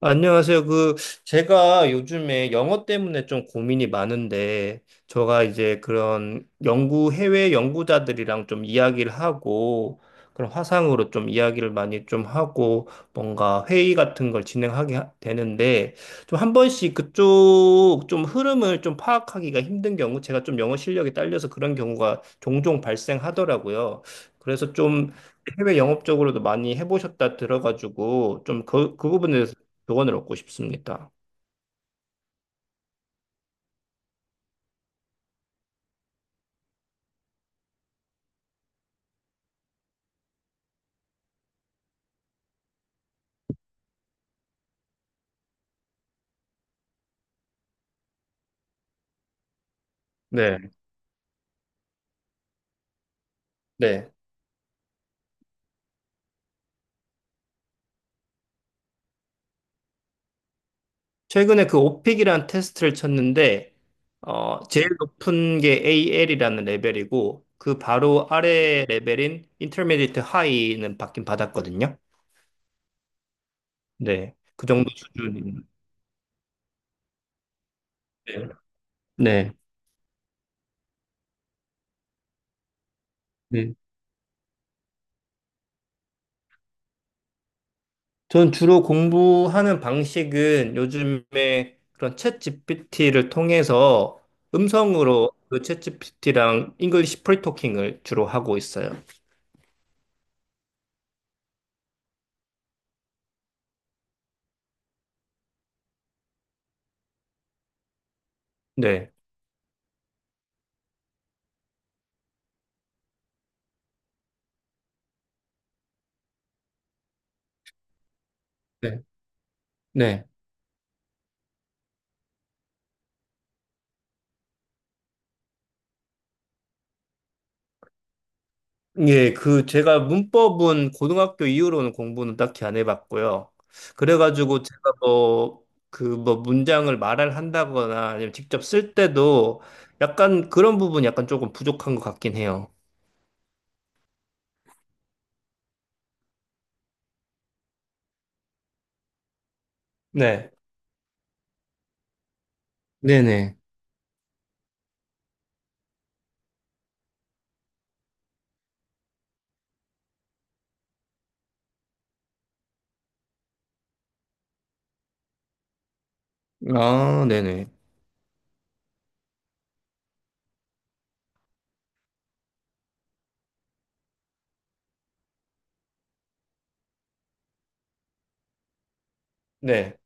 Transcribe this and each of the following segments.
안녕하세요. 제가 요즘에 영어 때문에 좀 고민이 많은데, 제가 이제 그런 연구, 해외 연구자들이랑 좀 이야기를 하고, 그런 화상으로 좀 이야기를 많이 좀 하고, 뭔가 회의 같은 걸 진행하게 되는데, 좀 한 번씩 그쪽 좀 흐름을 좀 파악하기가 힘든 경우, 제가 좀 영어 실력이 딸려서 그런 경우가 종종 발생하더라고요. 그래서 좀 해외 영업 적으로도 많이 해보셨다 들어가지고 좀 그 부분에 대해서 조언을 얻고 싶습니다. 네, 네. 최근에 그 오픽이라는 테스트를 쳤는데, 제일 높은 게 AL이라는 레벨이고, 그 바로 아래 레벨인 Intermediate High는 받긴 받았거든요. 네. 그 정도 수준입니다. 네. 네. 네. 전 주로 공부하는 방식은 요즘에 그런 챗 GPT를 통해서 음성으로 그챗 GPT랑 잉글리시 프리토킹을 주로 하고 있어요. 네. 네. 네. 예, 그 제가 문법은 고등학교 이후로는 공부는 딱히 안 해봤고요. 그래가지고 제가 그 뭐 문장을 말을 한다거나 아니면 직접 쓸 때도 약간 그런 부분이 약간 조금 부족한 것 같긴 해요. 네. 네네. 아, 네네. 네.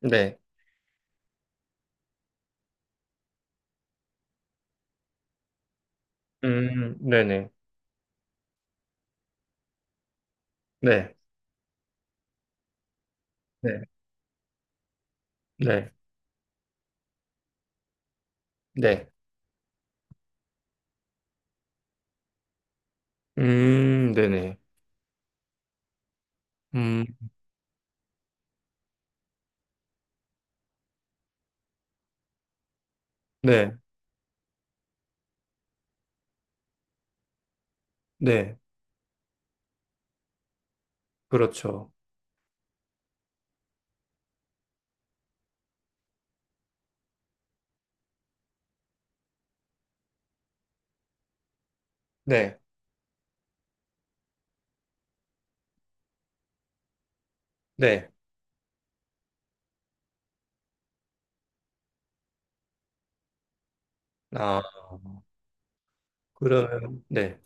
네. 네네. 네. 네. 네. 네. 네네. 음, 네. 네. 그렇죠. 네. 네. 아, 그러면, 네.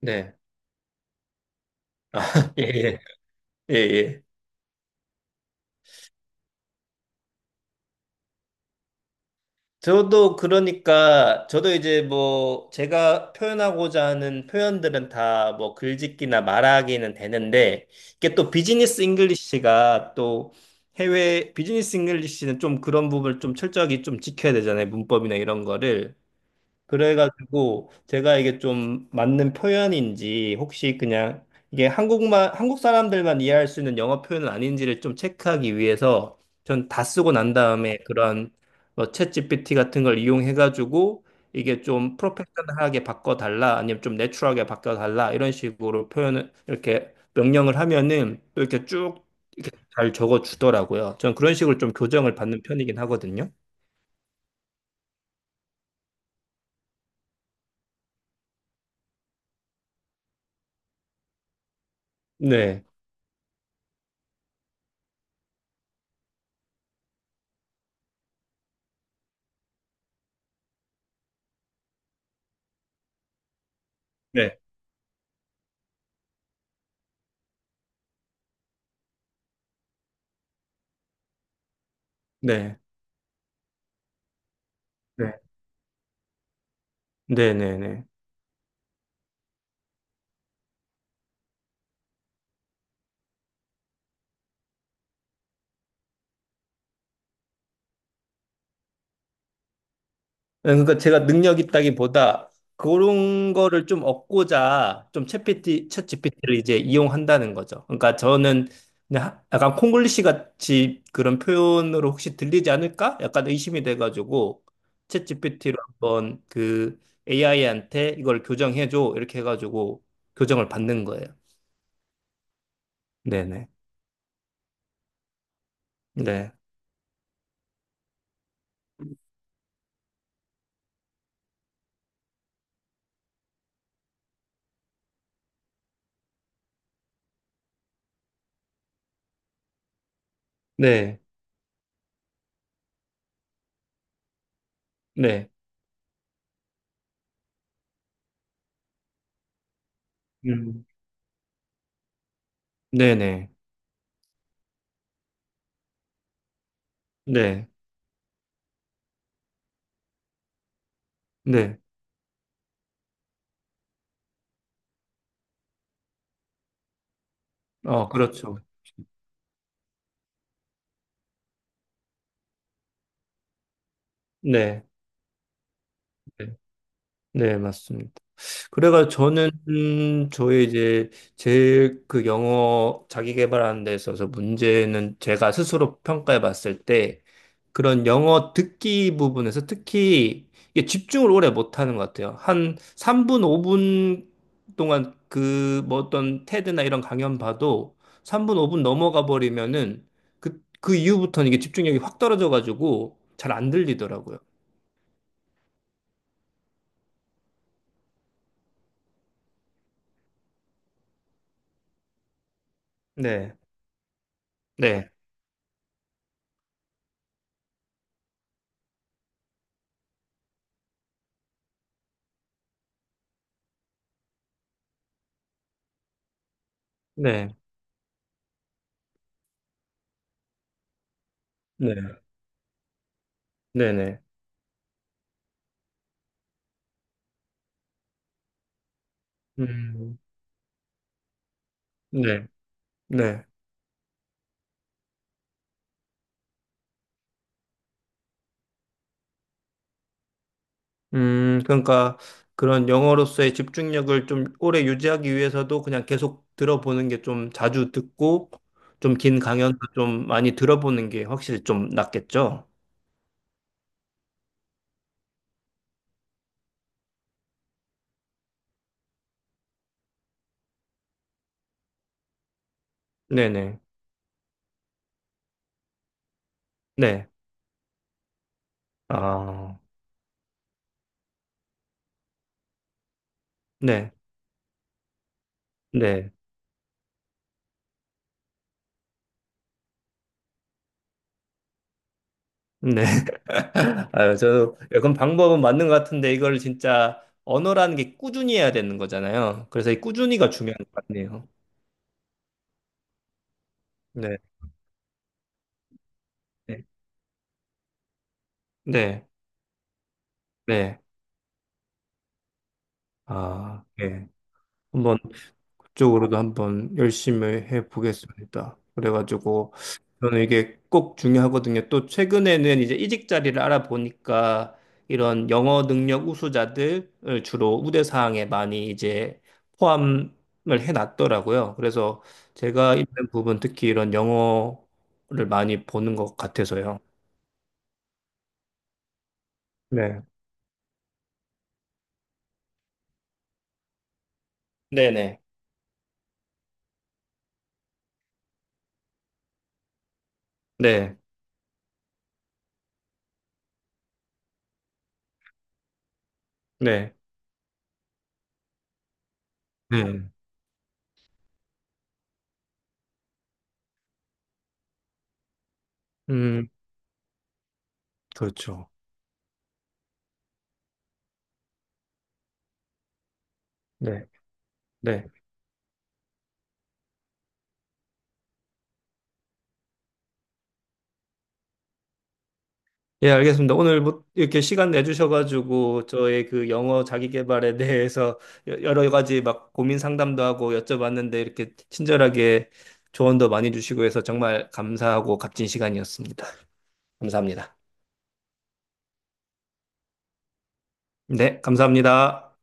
네. 아, 예, 예, 예. 예. 저도 그러니까, 저도 이제 뭐, 제가 표현하고자 하는 표현들은 다 뭐, 글짓기나 말하기는 되는데, 이게 또 비즈니스 잉글리시가 또 해외, 비즈니스 잉글리시는 좀 그런 부분을 좀 철저하게 좀 지켜야 되잖아요. 문법이나 이런 거를. 그래가지고 제가 이게 좀 맞는 표현인지 혹시 그냥 이게 한국만 한국 사람들만 이해할 수 있는 영어 표현은 아닌지를 좀 체크하기 위해서 전 다 쓰고 난 다음에 그런 뭐 챗GPT 같은 걸 이용해가지고 이게 좀 프로페셔널하게 바꿔달라 아니면 좀 내추럴하게 바꿔달라 이런 식으로 표현을 이렇게 명령을 하면은 또 이렇게 쭉 잘 적어주더라고요. 전 그런 식으로 좀 교정을 받는 편이긴 하거든요. 네. 네. 네. 네. 네. 네. 네. 예, 그러니까 제가 능력 있다기보다 그런 거를 좀 얻고자 좀 챗GPT를 이제 이용한다는 거죠. 그러니까 저는 그냥 약간 콩글리시 같이 그런 표현으로 혹시 들리지 않을까? 약간 의심이 돼가지고 챗GPT로 한번 그 AI한테 이걸 교정해줘 이렇게 해가지고 교정을 받는 거예요. 네네. 네. 네. 네. 음. 네네. 네. 네. 어, 그렇죠. 네. 네, 네, 맞습니다. 그래가 저는 저의 이제 제 그 영어 자기 개발하는 데 있어서 문제는 제가 스스로 평가해 봤을 때 그런 영어 듣기 부분에서 특히 이게 집중을 오래 못 하는 것 같아요. 한 3분, 5분 동안 그 뭐 어떤 테드나 이런 강연 봐도 3분, 5분 넘어가 버리면은 그 이후부터는 이게 집중력이 확 떨어져 가지고 잘 안 들리더라고요. 네. 네. 네. 네. 네. 네. 음. 네, 네. 그러니까 그런 영어로서의 집중력을 좀 오래 유지하기 위해서도 그냥 계속 들어보는 게 좀 자주 듣고 좀 긴 강연도 좀 많이 들어보는 게 확실히 좀 낫겠죠? 네네. 네. 아, 네. 네. 네. 아유, 저도 약간 방법은 맞는 것 같은데 이걸 진짜 언어라는 게 꾸준히 해야 되는 거잖아요. 그래서 이 꾸준히가 중요한 것 같네요. 네. 네. 네. 네. 아, 네. 한번 쪽으로도 한번 열심히 해 보겠습니다. 그래가지고 저는 이게 꼭 중요하거든요. 또 최근에는 이제 이직 자리를 알아보니까 이런 영어 능력 우수자들을 주로 우대 사항에 많이 이제 포함을 해놨더라고요. 그래서 제가 있는 부분 특히 이런 영어를 많이 보는 것 같아서요. 네. 네네. 네. 네. 네. 음, 그렇죠. 네. 네. 예, 알겠습니다. 오늘 뭐 이렇게 시간 내주셔가지고 저의 그 영어 자기 개발에 대해서 여러 가지 막 고민 상담도 하고 여쭤봤는데 이렇게 친절하게 조언도 많이 주시고 해서 정말 감사하고 값진 시간이었습니다. 감사합니다. 네, 감사합니다.